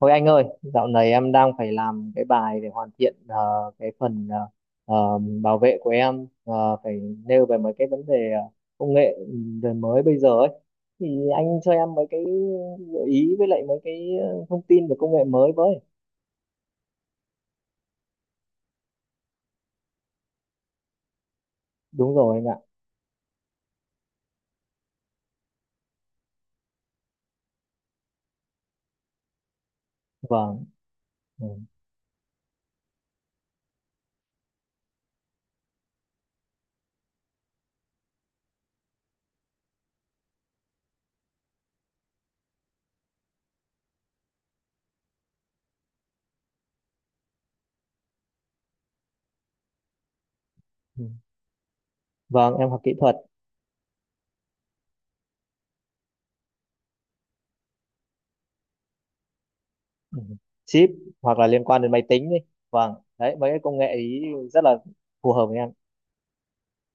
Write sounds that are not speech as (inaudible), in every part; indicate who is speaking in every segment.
Speaker 1: Thôi anh ơi, dạo này em đang phải làm cái bài để hoàn thiện cái phần bảo vệ của em phải nêu về mấy cái vấn đề công nghệ đời mới bây giờ ấy. Thì anh cho em mấy cái gợi ý với lại mấy cái thông tin về công nghệ mới với. Đúng rồi anh ạ. Vâng. Ừ. Ừ. Vâng, em học kỹ thuật. Ừ. Chip hoặc là liên quan đến máy tính đi. Vâng. Đấy, mấy cái công nghệ ý rất là phù hợp với em.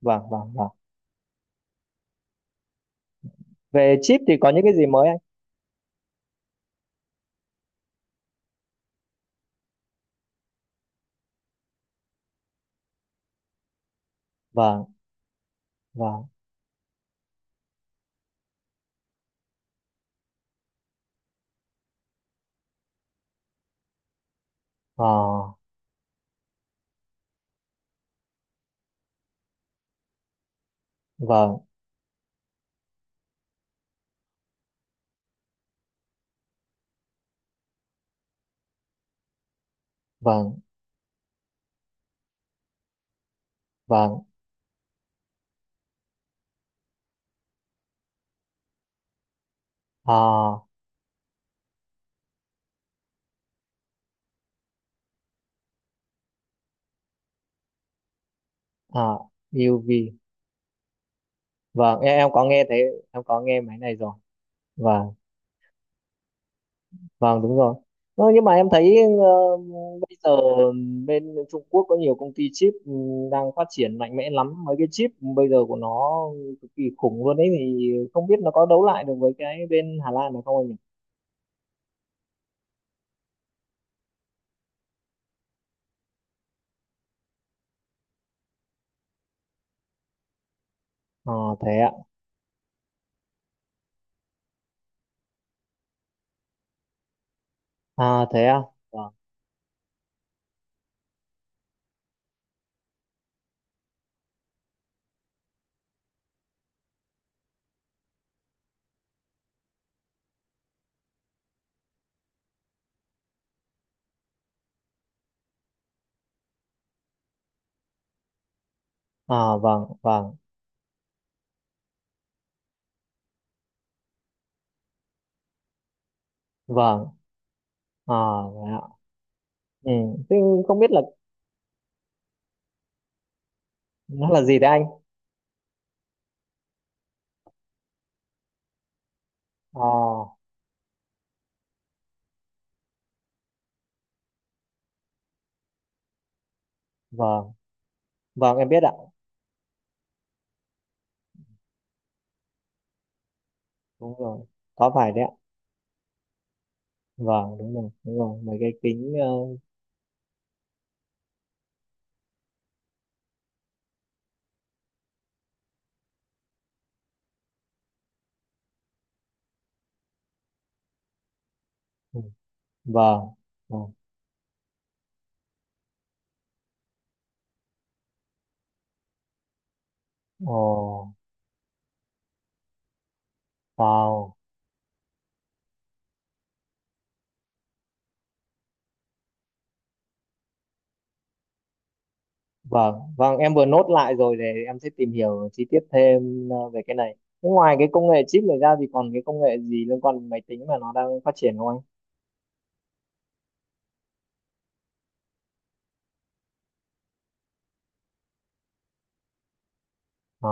Speaker 1: Vâng, vâng, vâng. Về chip thì có những cái gì mới anh? Vâng, vâng. Ờ. Vâng, vâng, vâng. à, à, UV. Vâng, em có nghe thấy. Em có nghe máy này rồi. Vâng, vâng, đúng rồi. Ơ, nhưng mà em thấy bây giờ bên Trung Quốc có nhiều công ty chip đang phát triển mạnh mẽ lắm. Mấy cái chip bây giờ của nó cực kỳ khủng luôn ấy, thì không biết nó có đấu lại được với cái bên Hà Lan được không anh nhỉ? À, thế ạ. À thế ạ. Vâng. À. Vâng, vâng, vâng. À thế ạ. Ừ. Thế không biết là nó là gì đấy anh? À. Vâng. Vâng, em biết ạ. Đúng rồi. Có phải đấy ạ. Vâng, đúng rồi. Đúng rồi. Mấy cái kính... ừ. Vâng. Vâng. Ồ, wow. Vâng. Vâng, em vừa nốt lại rồi để em sẽ tìm hiểu chi tiết thêm về cái này. Thế ngoài cái công nghệ chip này ra thì còn cái công nghệ gì liên quan đến máy tính mà nó đang phát triển không anh? Ờ,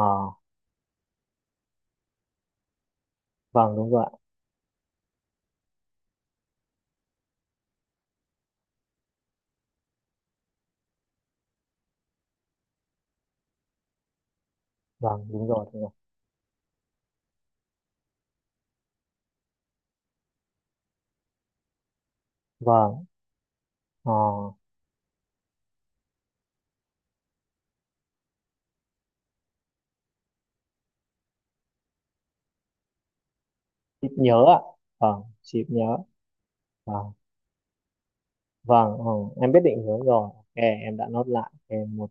Speaker 1: vâng, đúng rồi ạ. Vâng, đúng rồi. Đúng rồi. Vâng. Ờ, chip nhớ ạ. Vâng, chip nhớ. Vâng. Vâng, ờ, em biết định hướng rồi. Ok, em đã nốt lại. Ok, một.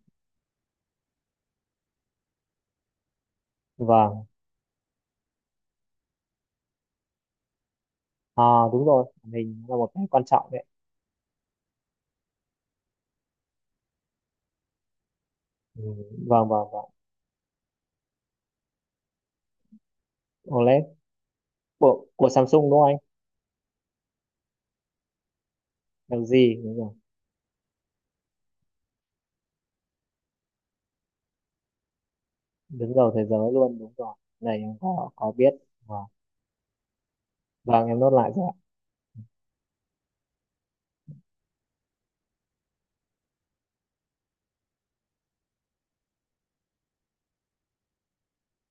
Speaker 1: Vâng. À đúng rồi, màn hình là một cái quan trọng đấy. Ừ, vâng, vâng, vâng. OLED của Samsung đúng không anh? LG đúng rồi, đứng đầu thế giới luôn, đúng rồi. Cái này em có biết. Vâng, vâng em nốt lại rồi ạ.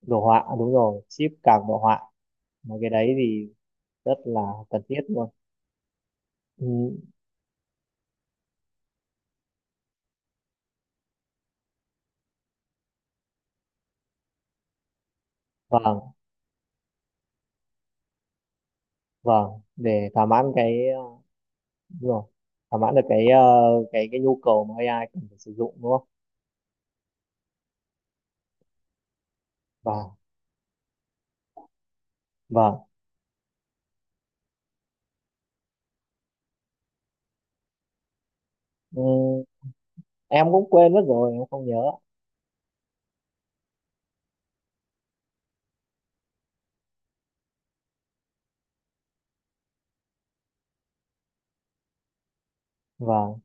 Speaker 1: Đồ họa đúng rồi, chip cảm đồ họa. Mà cái đấy thì rất là cần thiết luôn. Ừ, vâng, vâng. Để thỏa mãn cái đúng rồi, thỏa mãn được cái cái nhu cầu mà AI cần phải sử dụng đúng không? Vâng, vâng. Ừ, em cũng quên mất rồi, em không nhớ. Vâng,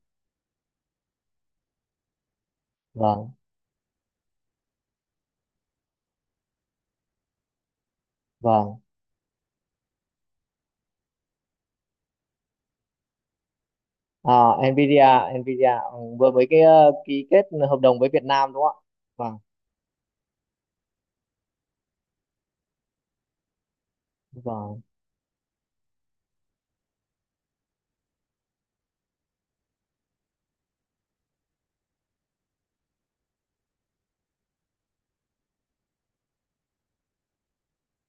Speaker 1: vâng, vâng. À, Nvidia, Nvidia vừa mới cái ký kết hợp đồng với Việt Nam đúng không ạ? Vâng, vâng,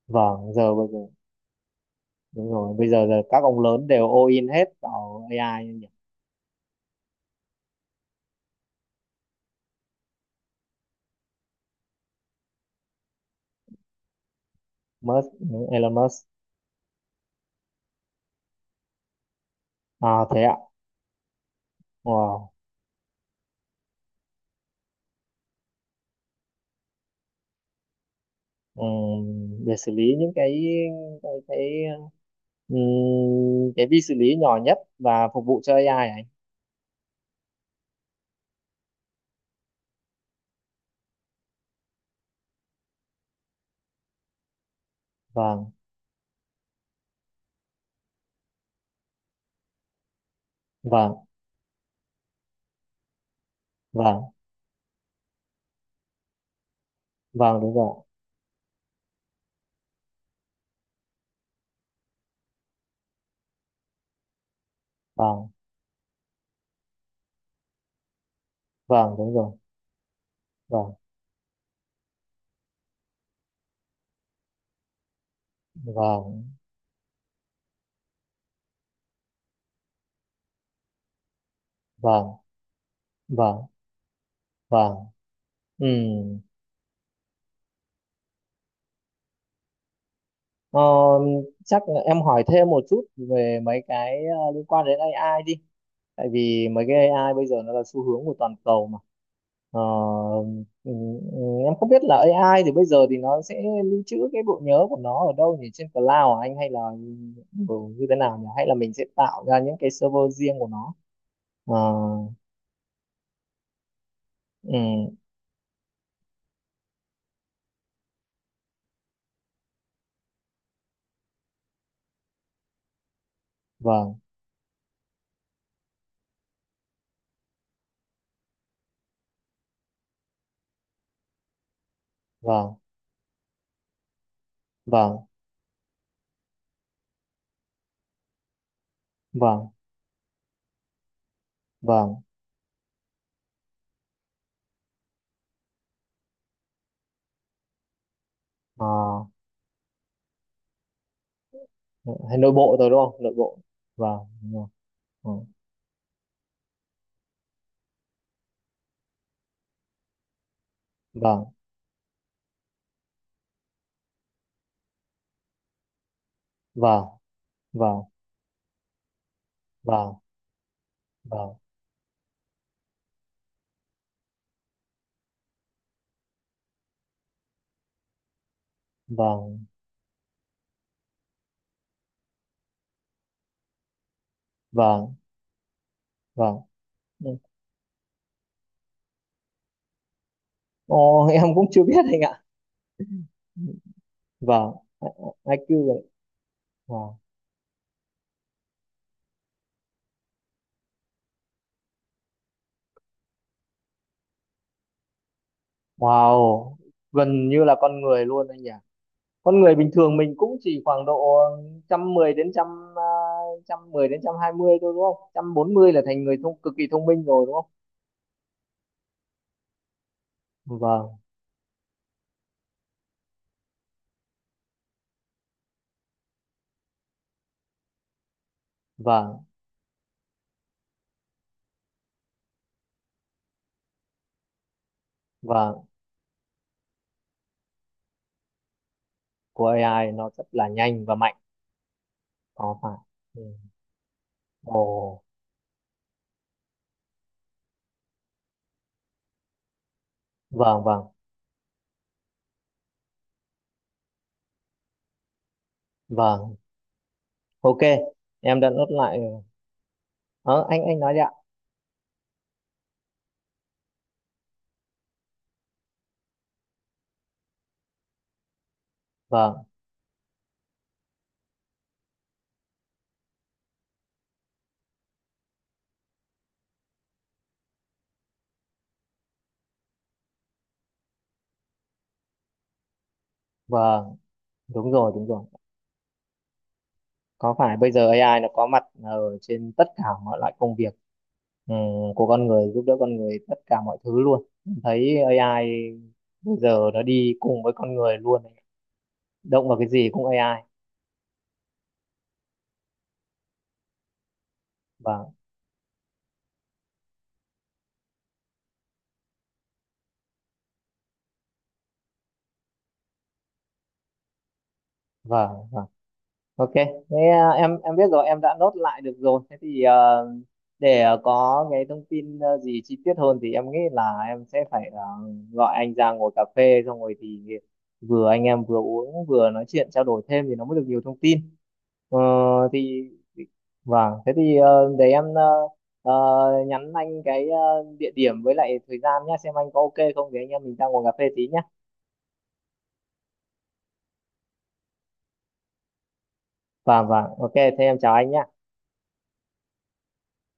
Speaker 1: vâng, giờ bây giờ đúng rồi, bây giờ giờ các ông lớn đều all in hết vào AI nhỉ. Musk, đúng, Elon Musk. À thế ạ. Wow. Để xử lý những cái cái cái vi xử lý nhỏ nhất và phục vụ cho AI ấy. Vâng, vâng, vâng, vâng đúng rồi. Vâng, vâng đúng rồi. Vâng, vâng, vâng, vâng, vâng. Vâng, ừ. Ờ, chắc là em hỏi thêm một chút về mấy cái liên quan đến AI đi. Tại vì mấy cái AI bây giờ nó là xu hướng của toàn cầu mà. Ờ, ừ, ừ, em không biết là AI thì bây giờ thì nó sẽ lưu trữ cái bộ nhớ của nó ở đâu nhỉ? Trên cloud à anh, hay là ừ, như thế nào nhỉ? Hay là mình sẽ tạo ra những cái server riêng của nó? Ờ, ừ, vâng, vâng, vâng, vâng, vâng. Ờ, hay nội bộ rồi đúng không? Nội bộ. Vâng, đúng rồi. Ừ, vâng, vâng, vâng. Vâng, vâng, vâng, vâng, vâng. Ồ, (laughs) em cũng chưa biết anh ạ. Vâng. IQ rồi. Wow. Wow, gần như là con người luôn anh nhỉ. Con người bình thường mình cũng chỉ khoảng độ 110 đến trăm à, trăm mười đến 120 thôi đúng không, 140 là thành người thông cực kỳ thông minh rồi đúng không? Vâng, vâng, vâng. Của AI nó rất là nhanh và mạnh, có phải. Ừ. Ồ. Vâng, vâng, vâng. Ok, em đã nốt lại rồi. Ờ, anh nói đi ạ. Vâng, vâng, đúng rồi, đúng rồi. Có phải bây giờ AI nó có mặt ở trên tất cả mọi loại công việc, ừ, của con người, giúp đỡ con người tất cả mọi thứ luôn. Thấy AI bây giờ nó đi cùng với con người luôn. Động vào cái gì cũng AI. Vâng, vâng, vâng. Ok, thế à, em biết rồi, em đã nốt lại được rồi. Thế thì để có cái thông tin gì chi tiết hơn thì em nghĩ là em sẽ phải gọi anh ra ngồi cà phê xong rồi thì vừa anh em vừa uống vừa nói chuyện trao đổi thêm thì nó mới được nhiều thông tin. Ờ, thì vâng, thế thì để em ờ, nhắn anh cái địa điểm với lại thời gian nhé, xem anh có ok không thì anh em mình ra ngồi cà phê tí nhé. Vâng vâng, ok, thế em chào anh nhé.